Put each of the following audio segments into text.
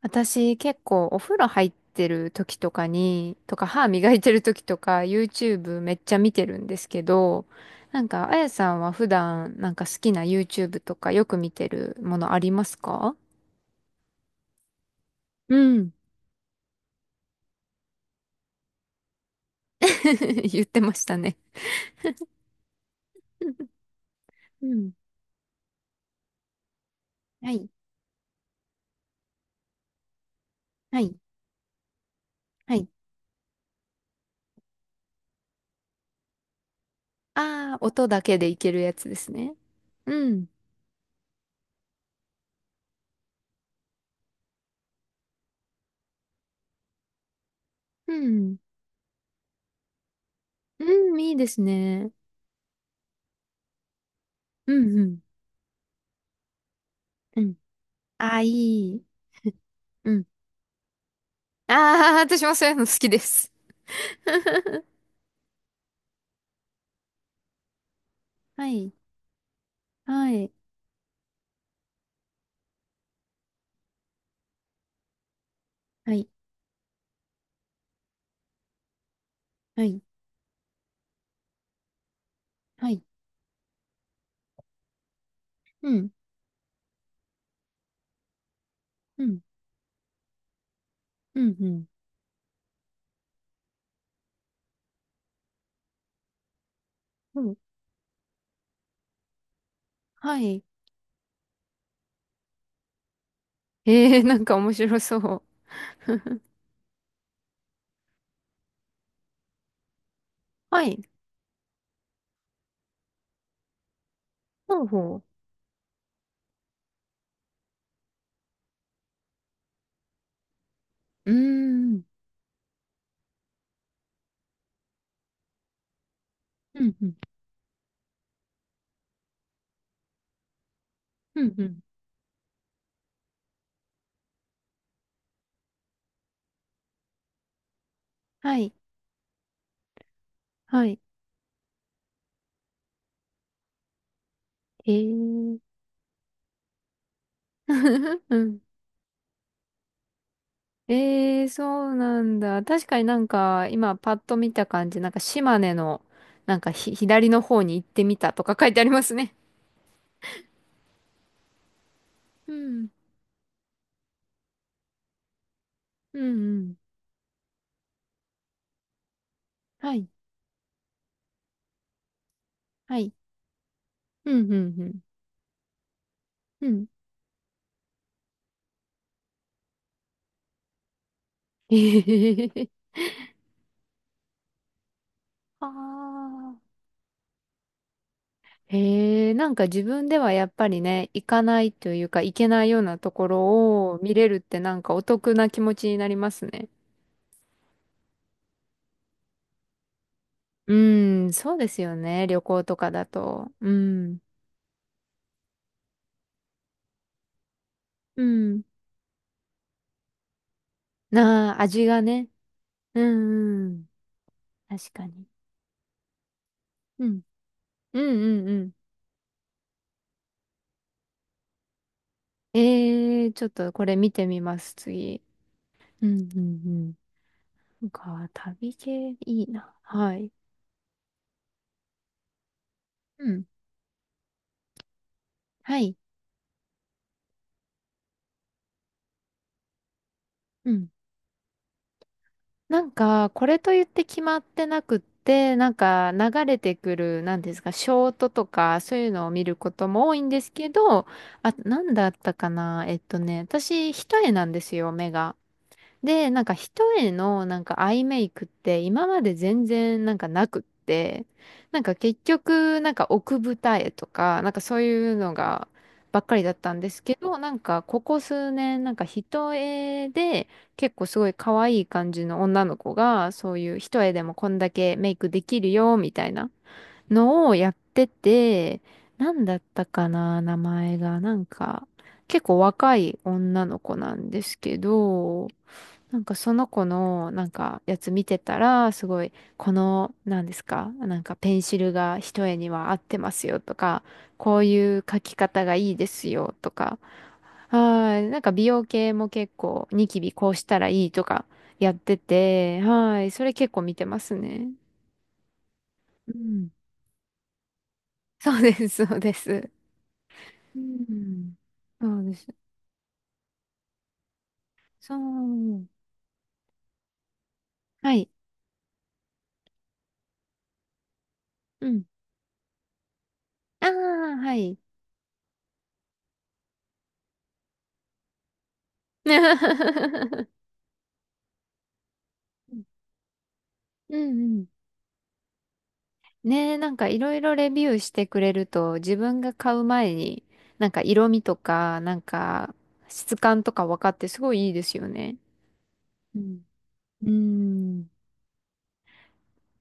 私結構お風呂入ってる時とかに、とか歯磨いてる時とか YouTube めっちゃ見てるんですけど、なんかあやさんは普段なんか好きな YouTube とかよく見てるものありますか？うん。言ってましたね。うん。はい。はい。はい。ああ、音だけでいけるやつですね。うん。うん。うん、いいですね。うん、うん。うん。ああ、いい。うん。ああ、私もそういうの好きです。はい、はい、はい、はい、はい、うん、うん、うん、うん、うん、はい。えー、なんか面白そう。はい、ほうほう。うーん、うん、うん、うん、うん、はい、はい、えー、うん。えー、そうなんだ。確かになんか、今パッと見た感じ、なんか島根の、なんかひ、左の方に行ってみたとか書いてありますね。うん、うん、うん、はい、はい、うん、うん、うん、うん。えへへへへ。ああ、へえ、なんか自分ではやっぱりね、行かないというか、行けないようなところを見れるってなんかお得な気持ちになりますね。うん、そうですよね。旅行とかだと。うん。うん。なあ、味がね。うん、うん。確かに。うん。うん、うん、うん。えー、ちょっとこれ見てみます、次。うん、うん、うん。なんか、旅系いいな。はい。うん。はい。うん。なんか、これと言って決まってなくって、なんか流れてくる、なんですか、ショートとか、そういうのを見ることも多いんですけど、あ、なんだったかな私、一重なんですよ、目が。で、なんか一重のなんかアイメイクって今まで全然なんかなくって、なんか結局なんか奥二重とか、なんかそういうのがばっかりだったんですけど、なんかここ数年なんか一重で結構すごい可愛い感じの女の子がそういう一重でもこんだけメイクできるよみたいなのをやってて、なんだったかな、名前が。なんか結構若い女の子なんですけど、なんかその子のなんかやつ見てたら、すごい、この、なんですか、なんかペンシルが一重には合ってますよとか、こういう書き方がいいですよとか、はい、なんか美容系も結構ニキビこうしたらいいとかやってて、はい、それ結構見てますね。うん。そうです、そうです。うん。そうです。そう。はい。うん。ああ、はい。うんうん。ねえ、なんかいろいろレビューしてくれると自分が買う前になんか色味とかなんか質感とか分かってすごいいいですよね。うん。うーん。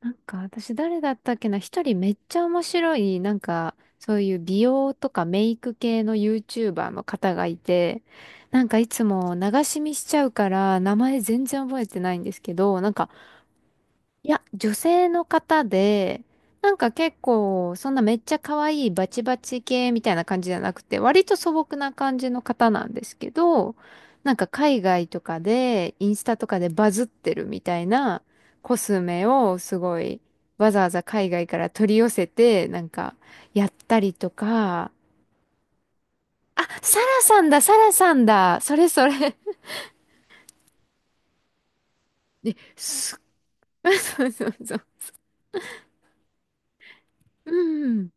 なんか私誰だったっけな、一人めっちゃ面白いなんかそういう美容とかメイク系の YouTuber の方がいて、なんかいつも流し見しちゃうから名前全然覚えてないんですけど、なんかいや、女性の方で、なんか結構、そんなめっちゃ可愛いバチバチ系みたいな感じじゃなくて、割と素朴な感じの方なんですけど、なんか海外とかで、インスタとかでバズってるみたいなコスメをすごい、わざわざ海外から取り寄せて、なんか、やったりとか、あ、サラさんだ、サラさんだ、それそれ。え、す、そうそうそう。うん。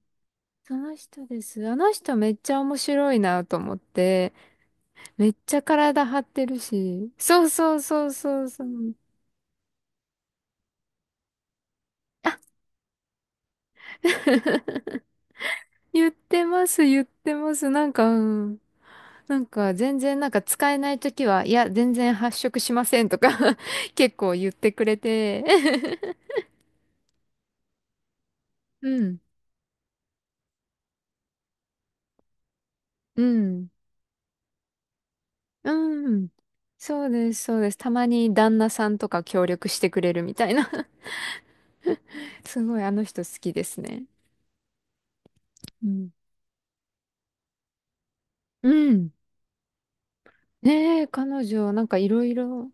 その人です。あの人めっちゃ面白いなと思って、めっちゃ体張ってるし。そうそうそうそうそう。あ。 言ってます、言ってます。なんか、うん。なんか全然なんか使えないときは、いや、全然発色しませんとか 結構言ってくれて うん、うん、うん。そうです、そうです。たまに旦那さんとか協力してくれるみたいな。 すごいあの人好きですね。うん。うん。ねえ、彼女、なんかいろいろ、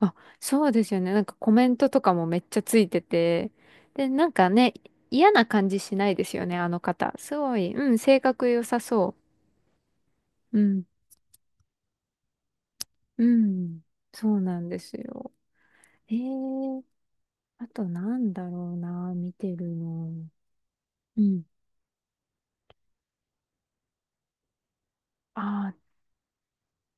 あ、そうですよね。なんかコメントとかもめっちゃついてて、で、なんかね、嫌な感じしないですよね、あの方。すごい、うん、性格良さそう。うん、うん、そうなんですよ。えー、あとなんだろうな、見てるの。うん。ああ、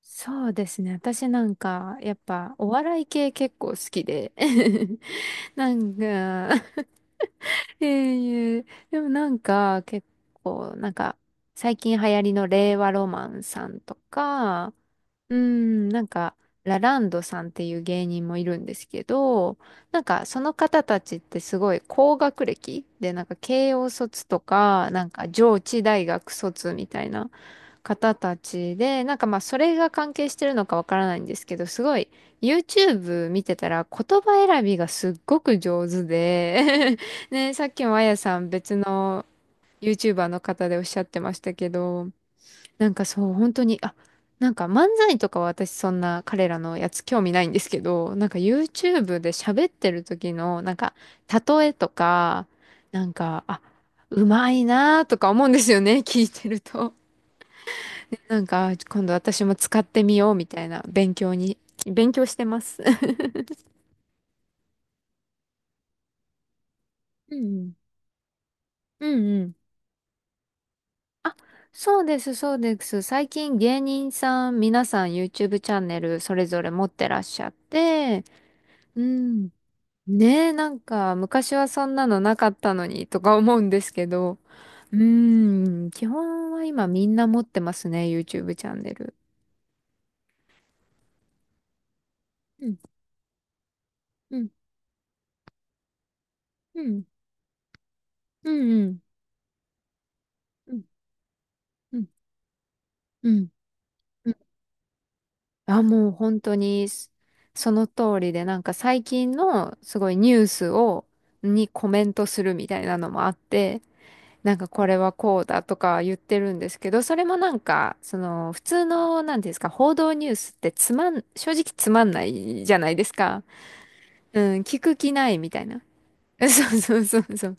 そうですね。私なんか、やっぱ、お笑い系結構好きで。なんか。いえいえ、でもなんか結構なんか最近流行りの令和ロマンさんとか、うーん、なんか、ラランドさんっていう芸人もいるんですけど、なんかその方たちってすごい高学歴で、なんか慶応卒とか、なんか上智大学卒みたいな方たちで、なんかまあそれが関係してるのかわからないんですけど、すごい YouTube 見てたら言葉選びがすっごく上手で ね、さっきもあやさん別の YouTuber の方でおっしゃってましたけど、なんかそう、本当に、あ、なんか漫才とかは私そんな彼らのやつ興味ないんですけど、なんか YouTube で喋ってる時の、なんか、例えとか、なんか、あ、うまいなーとか思うんですよね、聞いてると。なんか、今度私も使ってみようみたいな勉強してます。うんうん。うんうん。あ、そうです、そうです。最近芸人さん、皆さん YouTube チャンネルそれぞれ持ってらっしゃって、うん。ねえ、なんか昔はそんなのなかったのにとか思うんですけど、うーん、基本は今みんな持ってますね、YouTube チャンネル。うん、うん、うん、うん、うん、うん、うん、うん。うん。あ、もう本当にその通りで、なんか最近のすごいニュースを、にコメントするみたいなのもあって、なんかこれはこうだとか言ってるんですけど、それもなんか、その普通の、なんていうんですか、報道ニュースってつまん、正直つまんないじゃないですか。うん、聞く気ないみたいな。そうそうそうそう。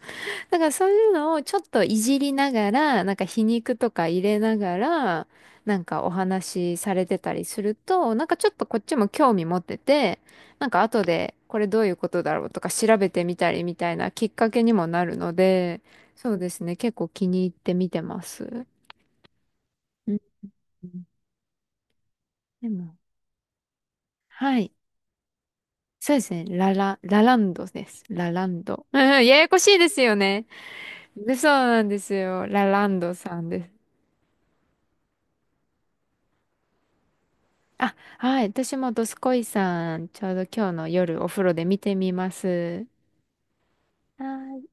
だからそういうのをちょっといじりながら、なんか皮肉とか入れながら、なんかお話しされてたりすると、なんかちょっとこっちも興味持ってて、なんか後でこれどういうことだろうとか調べてみたりみたいなきっかけにもなるので、そうですね、結構気に入って見てます。うん。でも、はい。そうですね。ラランドです。ラランド。うんうん、ややこしいですよね。でそうなんですよ。ラランドさんです。あ、はい。私もドスコイさん、ちょうど今日の夜お風呂で見てみます。はい。